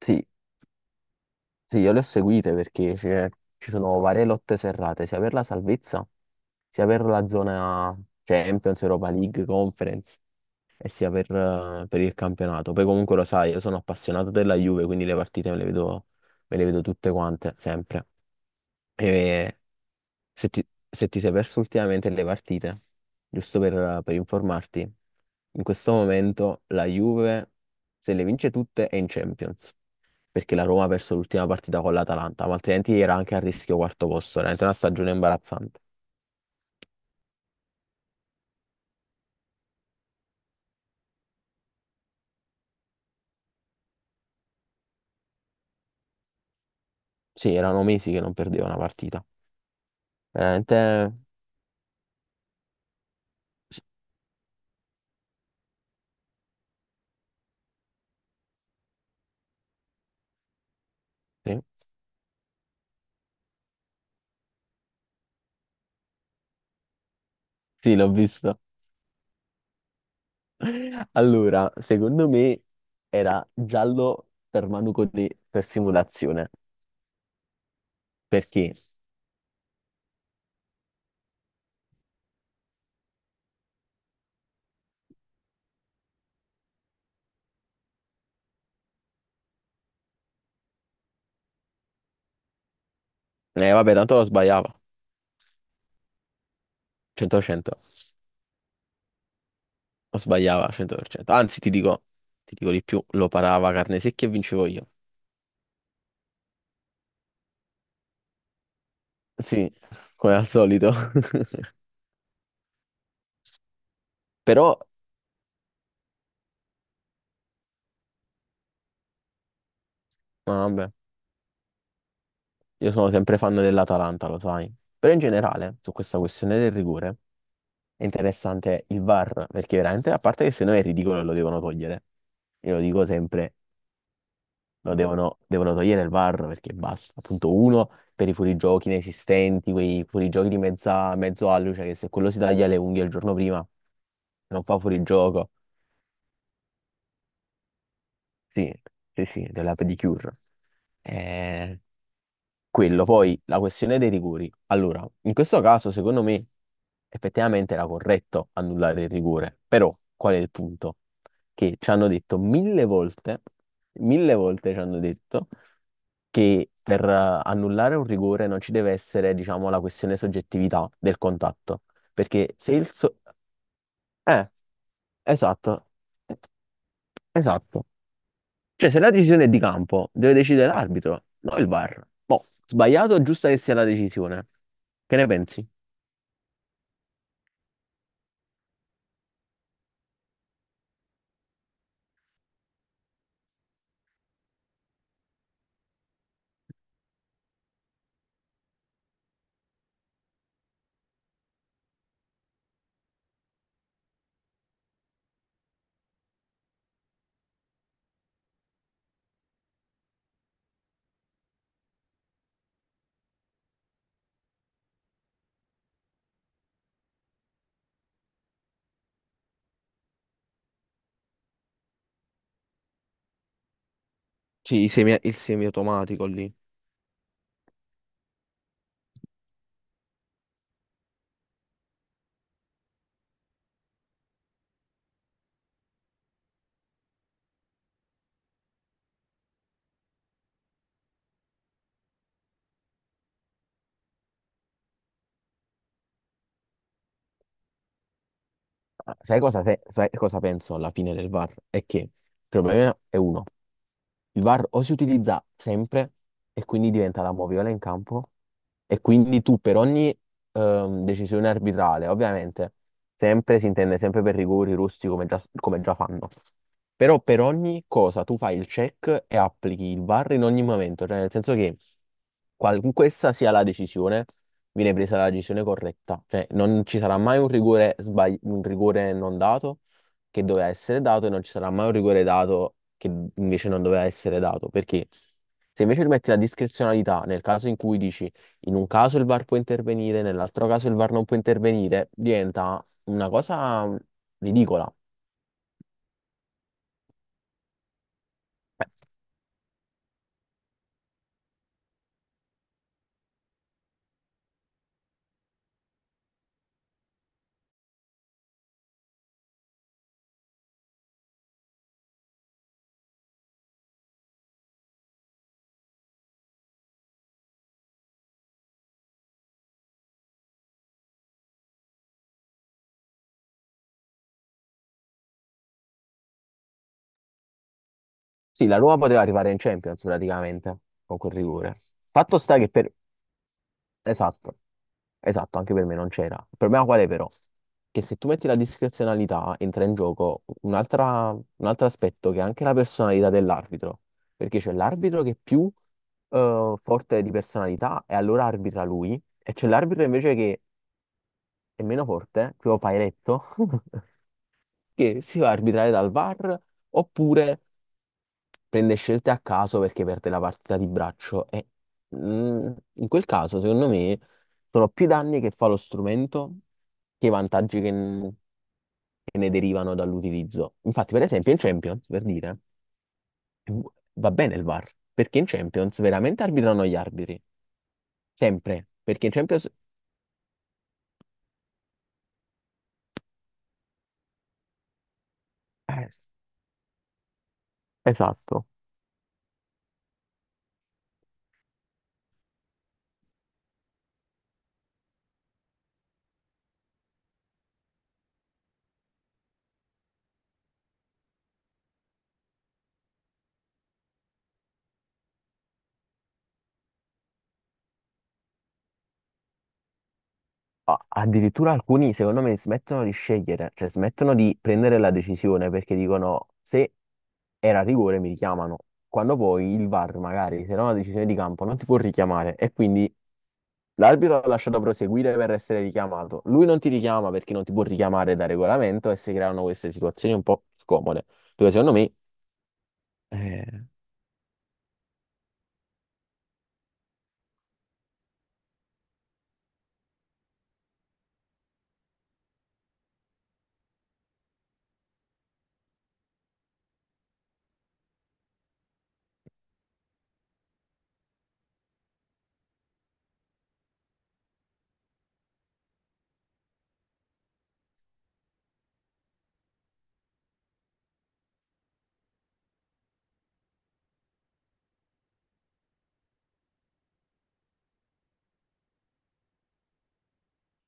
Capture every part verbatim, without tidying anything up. Sì, sì, io le ho seguite perché c'è- ci sono varie lotte serrate, sia per la salvezza, sia per la zona Champions, Europa League, Conference e sia per, eh, per il campionato. Poi comunque lo sai, io sono appassionato della Juve, quindi le partite me le vedo, me le vedo tutte quante, sempre. E se ti, se ti sei perso ultimamente le partite, giusto per, per informarti, in questo momento la Juve, se le vince tutte, è in Champions. Perché la Roma ha perso l'ultima partita con l'Atalanta, ma altrimenti era anche a rischio quarto posto, veramente una stagione imbarazzante. Sì, erano mesi che non perdeva una partita. Veramente sì, sì, l'ho visto. Allora, secondo me era giallo per Manu Cotè per simulazione, perché eh, vabbè, tanto lo sbagliava cento per cento, lo sbagliava cento per cento. Anzi, ti dico, ti dico di più, lo parava carne secchia e vincevo io. Sì, come al solito. Però, ma vabbè. Io sono sempre fan dell'Atalanta, lo sai. Però in generale, su questa questione del rigore, è interessante il VAR, perché veramente, a parte che se no è ridicolo lo devono togliere. Io lo dico sempre, lo devono, devono togliere il VAR, perché basta. Appunto, uno, per i fuorigiochi inesistenti, quei fuorigiochi di mezza, mezzo alluce, cioè che se quello si taglia le unghie il giorno prima, non fa fuorigioco. Sì, sì, sì, della pedicure. Eh, Quello, poi la questione dei rigori. Allora, in questo caso, secondo me, effettivamente era corretto annullare il rigore, però qual è il punto? Che ci hanno detto mille volte, mille volte ci hanno detto che per eh, annullare un rigore non ci deve essere, diciamo, la questione soggettività del contatto, perché se il so- eh, esatto, esatto. Cioè, se la decisione è di campo, deve decidere l'arbitro, non il VAR. Boh, sbagliato o giusta che sia la decisione? Che ne pensi? Sì, i semi- il semiautomatico lì. Sai cosa, sai sai cosa penso alla fine del VAR? È che il problema è uno. Il VAR o si utilizza sempre e quindi diventa la moviola in campo e quindi tu per ogni ehm, decisione arbitrale, ovviamente, sempre si intende sempre per rigori, russi come già, come già fanno, però per ogni cosa tu fai il check e applichi il VAR in ogni momento, cioè nel senso che qualunque essa sia la decisione, viene presa la decisione corretta, cioè non ci sarà mai un rigore, sbagli- un rigore non dato che doveva essere dato e non ci sarà mai un rigore dato che invece non doveva essere dato. Perché se invece rimetti la discrezionalità nel caso in cui dici in un caso il VAR può intervenire, nell'altro caso il VAR non può intervenire, diventa una cosa ridicola. Sì, la Roma poteva arrivare in Champions praticamente con quel rigore. Fatto sta che per Esatto, esatto, anche per me non c'era. Il problema qual è però? Che se tu metti la discrezionalità entra in gioco un'altra- un altro aspetto che è anche la personalità dell'arbitro, perché c'è l'arbitro che è più eh, forte di personalità e allora arbitra lui, e c'è l'arbitro invece che è meno forte, tipo Pairetto, che si va a arbitrare dal VAR oppure prende scelte a caso perché perde la partita di braccio e mm, in quel caso, secondo me, sono più danni che fa lo strumento che, i vantaggi che, n- che ne derivano dall'utilizzo. Infatti, per esempio, in Champions, per dire, eh, va bene il VAR, perché in Champions veramente arbitrano gli arbitri, sempre, perché in Champions... Eh, s- Esatto. a- Addirittura alcuni, secondo me, smettono di scegliere, cioè smettono di prendere la decisione perché dicono se era rigore mi richiamano, quando poi il VAR magari se era una decisione di campo non ti può richiamare e quindi l'arbitro l'ha lasciato proseguire per essere richiamato. Lui non ti richiama perché non ti può richiamare da regolamento e si creano queste situazioni un po' scomode, dove secondo me... eh,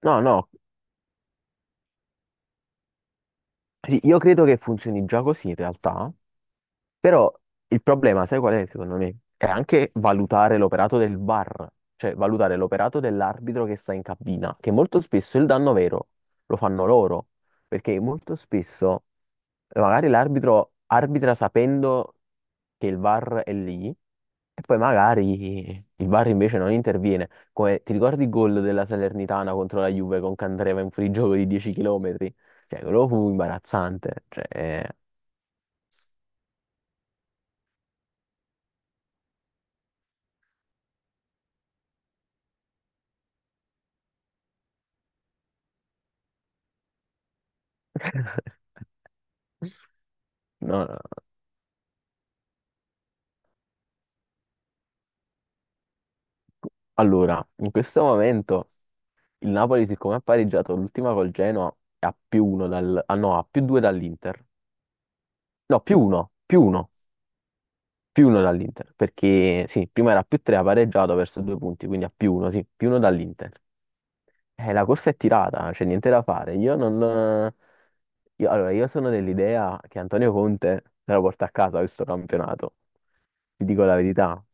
No, no, sì, io credo che funzioni già così in realtà. Però il problema, sai qual è, secondo me? È anche valutare l'operato del VAR, cioè valutare l'operato dell'arbitro che sta in cabina, che molto spesso il danno vero lo fanno loro, perché molto spesso magari l'arbitro arbitra sapendo che il VAR è lì e poi magari il VAR invece non interviene. Come ti ricordi il gol della Salernitana contro la Juve con Candreva in fuorigioco di dieci chilometri? Cioè, quello fu imbarazzante, cioè... No, no. Allora, in questo momento il Napoli, siccome ha pareggiato l'ultima col Genoa, è a più uno dal... ah no, a più due dall'Inter. No, più uno, più uno, più uno dall'Inter, perché sì, prima era a più tre, ha pareggiato verso due punti, quindi a più uno, sì, più uno dall'Inter. Eh, la corsa è tirata, c'è niente da fare. Io non... io- allora, io sono dell'idea che Antonio Conte se la porta a casa questo campionato, ti dico la verità,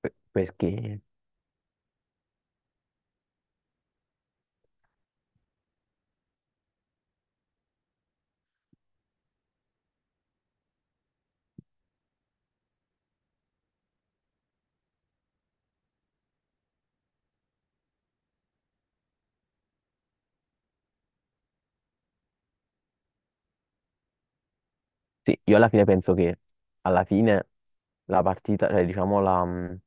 per- perché... Sì, io alla fine penso che alla fine la partita, cioè diciamo la, mh,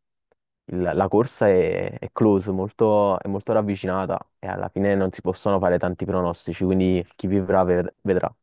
il- la corsa è, è close, molto, è molto ravvicinata e alla fine non si possono fare tanti pronostici, quindi chi vivrà ved- vedrà.